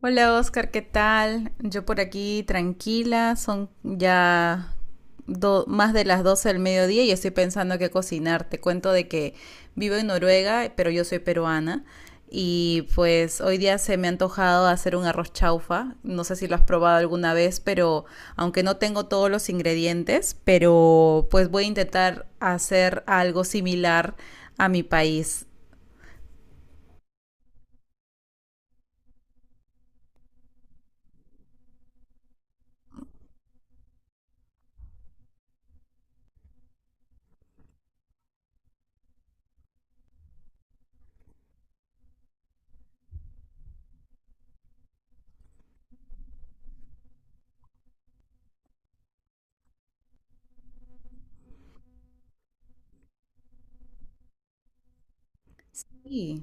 Hola Oscar, ¿qué tal? Yo por aquí tranquila, son ya más de las 12 del mediodía y estoy pensando qué cocinar. Te cuento de que vivo en Noruega, pero yo soy peruana y pues hoy día se me ha antojado hacer un arroz chaufa. No sé si lo has probado alguna vez, pero aunque no tengo todos los ingredientes, pero pues voy a intentar hacer algo similar a mi país. Sí.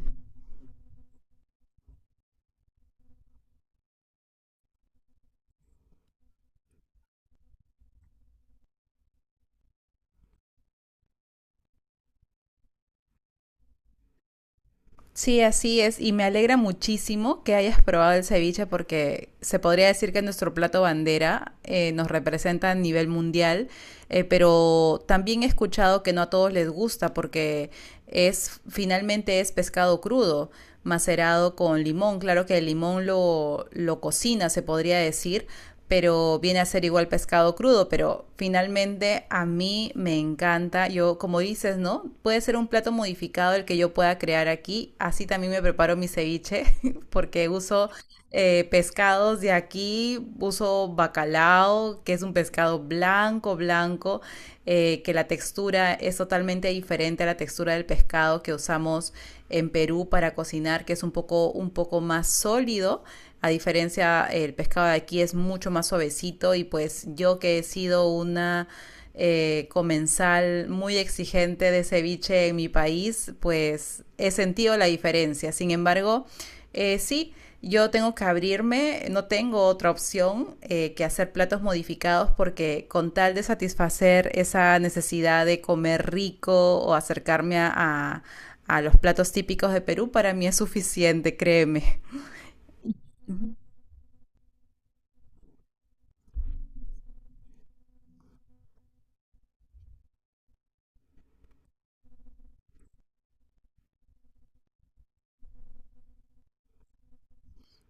Sí, así es, y me alegra muchísimo que hayas probado el ceviche porque se podría decir que nuestro plato bandera nos representa a nivel mundial, pero también he escuchado que no a todos les gusta porque es finalmente es pescado crudo, macerado con limón. Claro que el limón lo cocina, se podría decir, pero viene a ser igual pescado crudo, pero finalmente a mí me encanta, yo como dices, ¿no? Puede ser un plato modificado el que yo pueda crear aquí, así también me preparo mi ceviche, porque uso pescados de aquí, uso bacalao, que es un pescado blanco, blanco, que la textura es totalmente diferente a la textura del pescado que usamos en Perú para cocinar, que es un poco más sólido. A diferencia, el pescado de aquí es mucho más suavecito y pues yo que he sido una comensal muy exigente de ceviche en mi país, pues he sentido la diferencia. Sin embargo, sí, yo tengo que abrirme, no tengo otra opción que hacer platos modificados porque con tal de satisfacer esa necesidad de comer rico o acercarme los platos típicos de Perú, para mí es suficiente, créeme.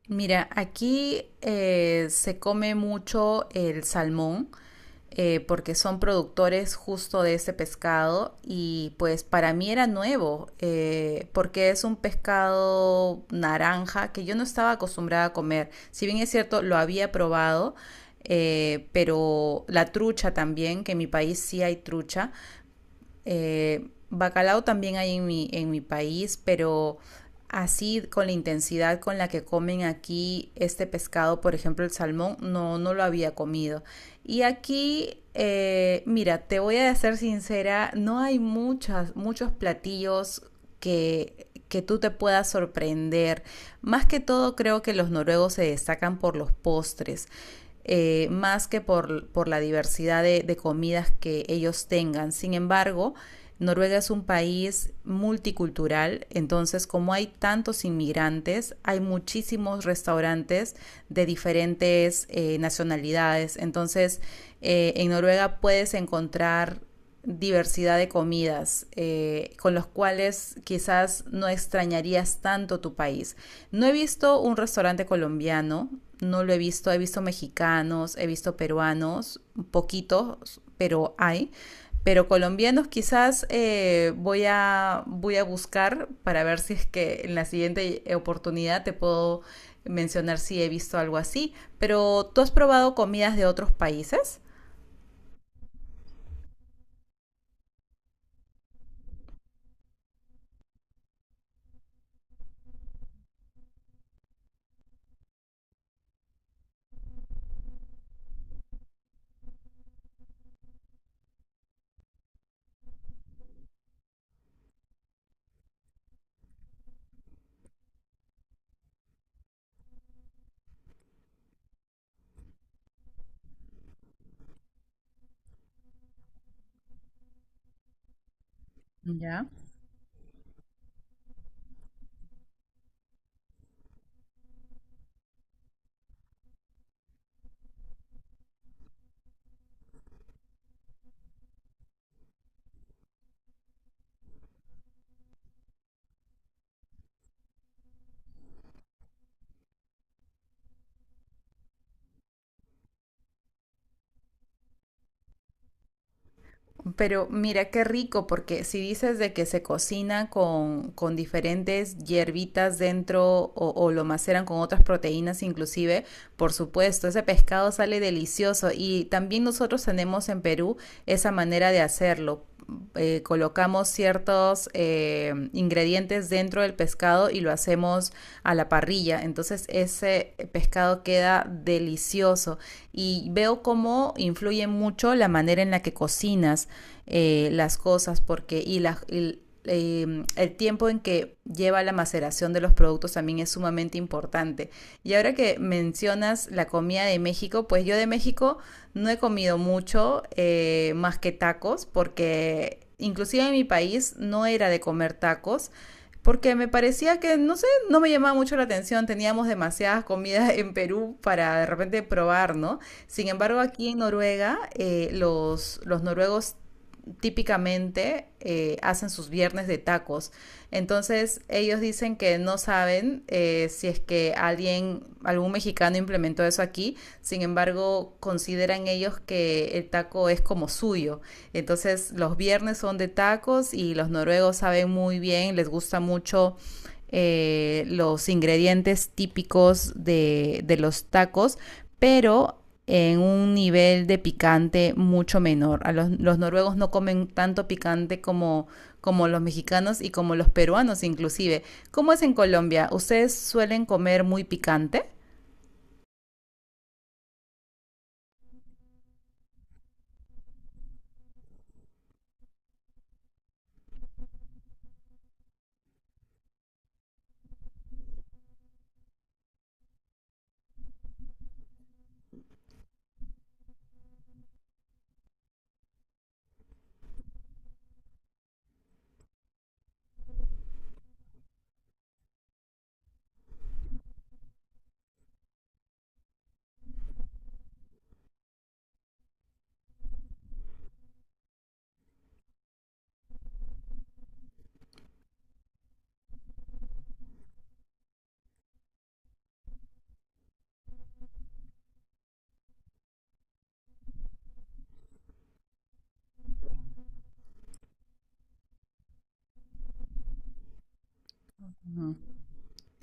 Mira, aquí se come mucho el salmón. Porque son productores justo de ese pescado y pues para mí era nuevo porque es un pescado naranja que yo no estaba acostumbrada a comer. Si bien es cierto, lo había probado, pero la trucha también, que en mi país sí hay trucha, bacalao también hay en mi país, pero así con la intensidad con la que comen aquí este pescado, por ejemplo el salmón, no, no lo había comido. Y aquí, mira, te voy a ser sincera, no hay muchas, muchos platillos que tú te puedas sorprender. Más que todo creo que los noruegos se destacan por los postres. Más que por la diversidad comidas que ellos tengan. Sin embargo, Noruega es un país multicultural, entonces como hay tantos inmigrantes, hay muchísimos restaurantes de diferentes nacionalidades. Entonces, en Noruega puedes encontrar diversidad de comidas con los cuales quizás no extrañarías tanto tu país. No he visto un restaurante colombiano, no lo he visto mexicanos, he visto peruanos, poquitos, pero hay. Pero colombianos quizás voy a buscar para ver si es que en la siguiente oportunidad te puedo mencionar si he visto algo así. Pero ¿tú has probado comidas de otros países? Ya. Pero mira qué rico, porque si dices de que se cocina con diferentes hierbitas dentro o lo maceran con otras proteínas inclusive, por supuesto, ese pescado sale delicioso y también nosotros tenemos en Perú esa manera de hacerlo colocamos ciertos ingredientes dentro del pescado y lo hacemos a la parrilla. Entonces ese pescado queda delicioso y veo cómo influye mucho la manera en la que cocinas las cosas porque y, la, y el tiempo en que lleva la maceración de los productos también es sumamente importante. Y ahora que mencionas la comida de México, pues yo de México no he comido mucho más que tacos porque inclusive en mi país no era de comer tacos porque me parecía que, no sé, no me llamaba mucho la atención, teníamos demasiadas comidas en Perú para de repente probar, ¿no? Sin embargo, aquí en Noruega, los noruegos típicamente hacen sus viernes de tacos. Entonces ellos dicen que no saben si es que alguien, algún mexicano implementó eso aquí, sin embargo consideran ellos que el taco es como suyo. Entonces los viernes son de tacos y los noruegos saben muy bien, les gusta mucho los ingredientes típicos de los tacos, pero en un nivel de picante mucho menor. A los noruegos no comen tanto picante como, como los mexicanos y como los peruanos inclusive. ¿Cómo es en Colombia? ¿Ustedes suelen comer muy picante?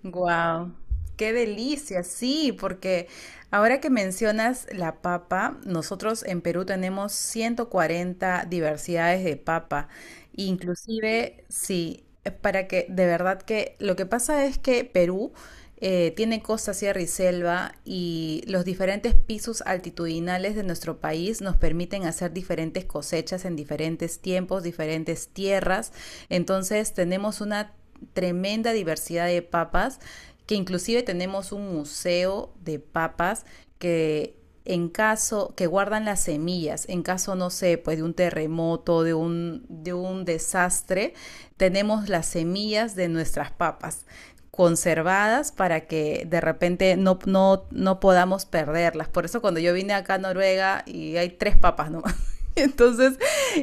Wow, qué delicia, sí, porque ahora que mencionas la papa, nosotros en Perú tenemos 140 diversidades de papa, inclusive, sí, para que de verdad que lo que pasa es que Perú tiene costa, sierra y selva y los diferentes pisos altitudinales de nuestro país nos permiten hacer diferentes cosechas en diferentes tiempos, diferentes tierras. Entonces tenemos una tremenda diversidad de papas que inclusive tenemos un museo de papas que en caso que guardan las semillas, en caso, no sé, pues de un terremoto, de un desastre, tenemos las semillas de nuestras papas conservadas para que de repente no podamos perderlas. Por eso cuando yo vine acá a Noruega y hay tres papas nomás, Entonces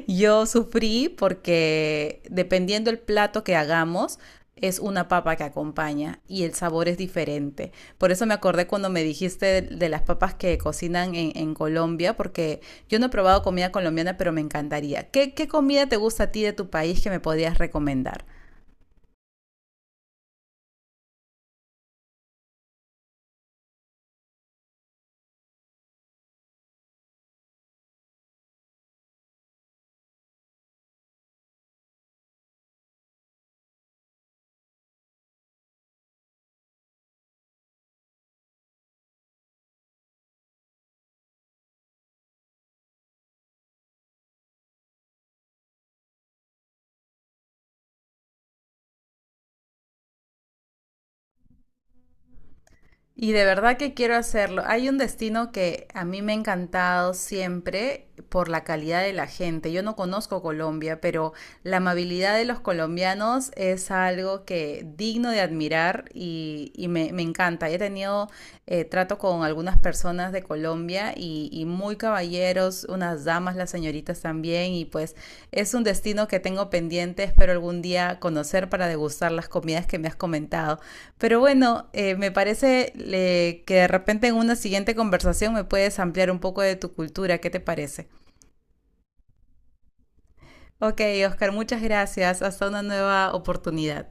yo sufrí porque dependiendo el plato que hagamos, es una papa que acompaña y el sabor es diferente. Por eso me acordé cuando me dijiste de las papas que cocinan Colombia, porque yo no he probado comida colombiana, pero me encantaría. ¿Qué comida te gusta a ti de tu país que me podrías recomendar? Y de verdad que quiero hacerlo. Hay un destino que a mí me ha encantado siempre por la calidad de la gente. Yo no conozco Colombia, pero la amabilidad de los colombianos es algo que digno de admirar y me encanta. He tenido trato con algunas personas de Colombia y muy caballeros, unas damas, las señoritas también. Y pues es un destino que tengo pendiente. Espero algún día conocer para degustar las comidas que me has comentado. Pero bueno, me parece que de repente en una siguiente conversación me puedes ampliar un poco de tu cultura, ¿qué te parece? Ok, Oscar, muchas gracias. Hasta una nueva oportunidad.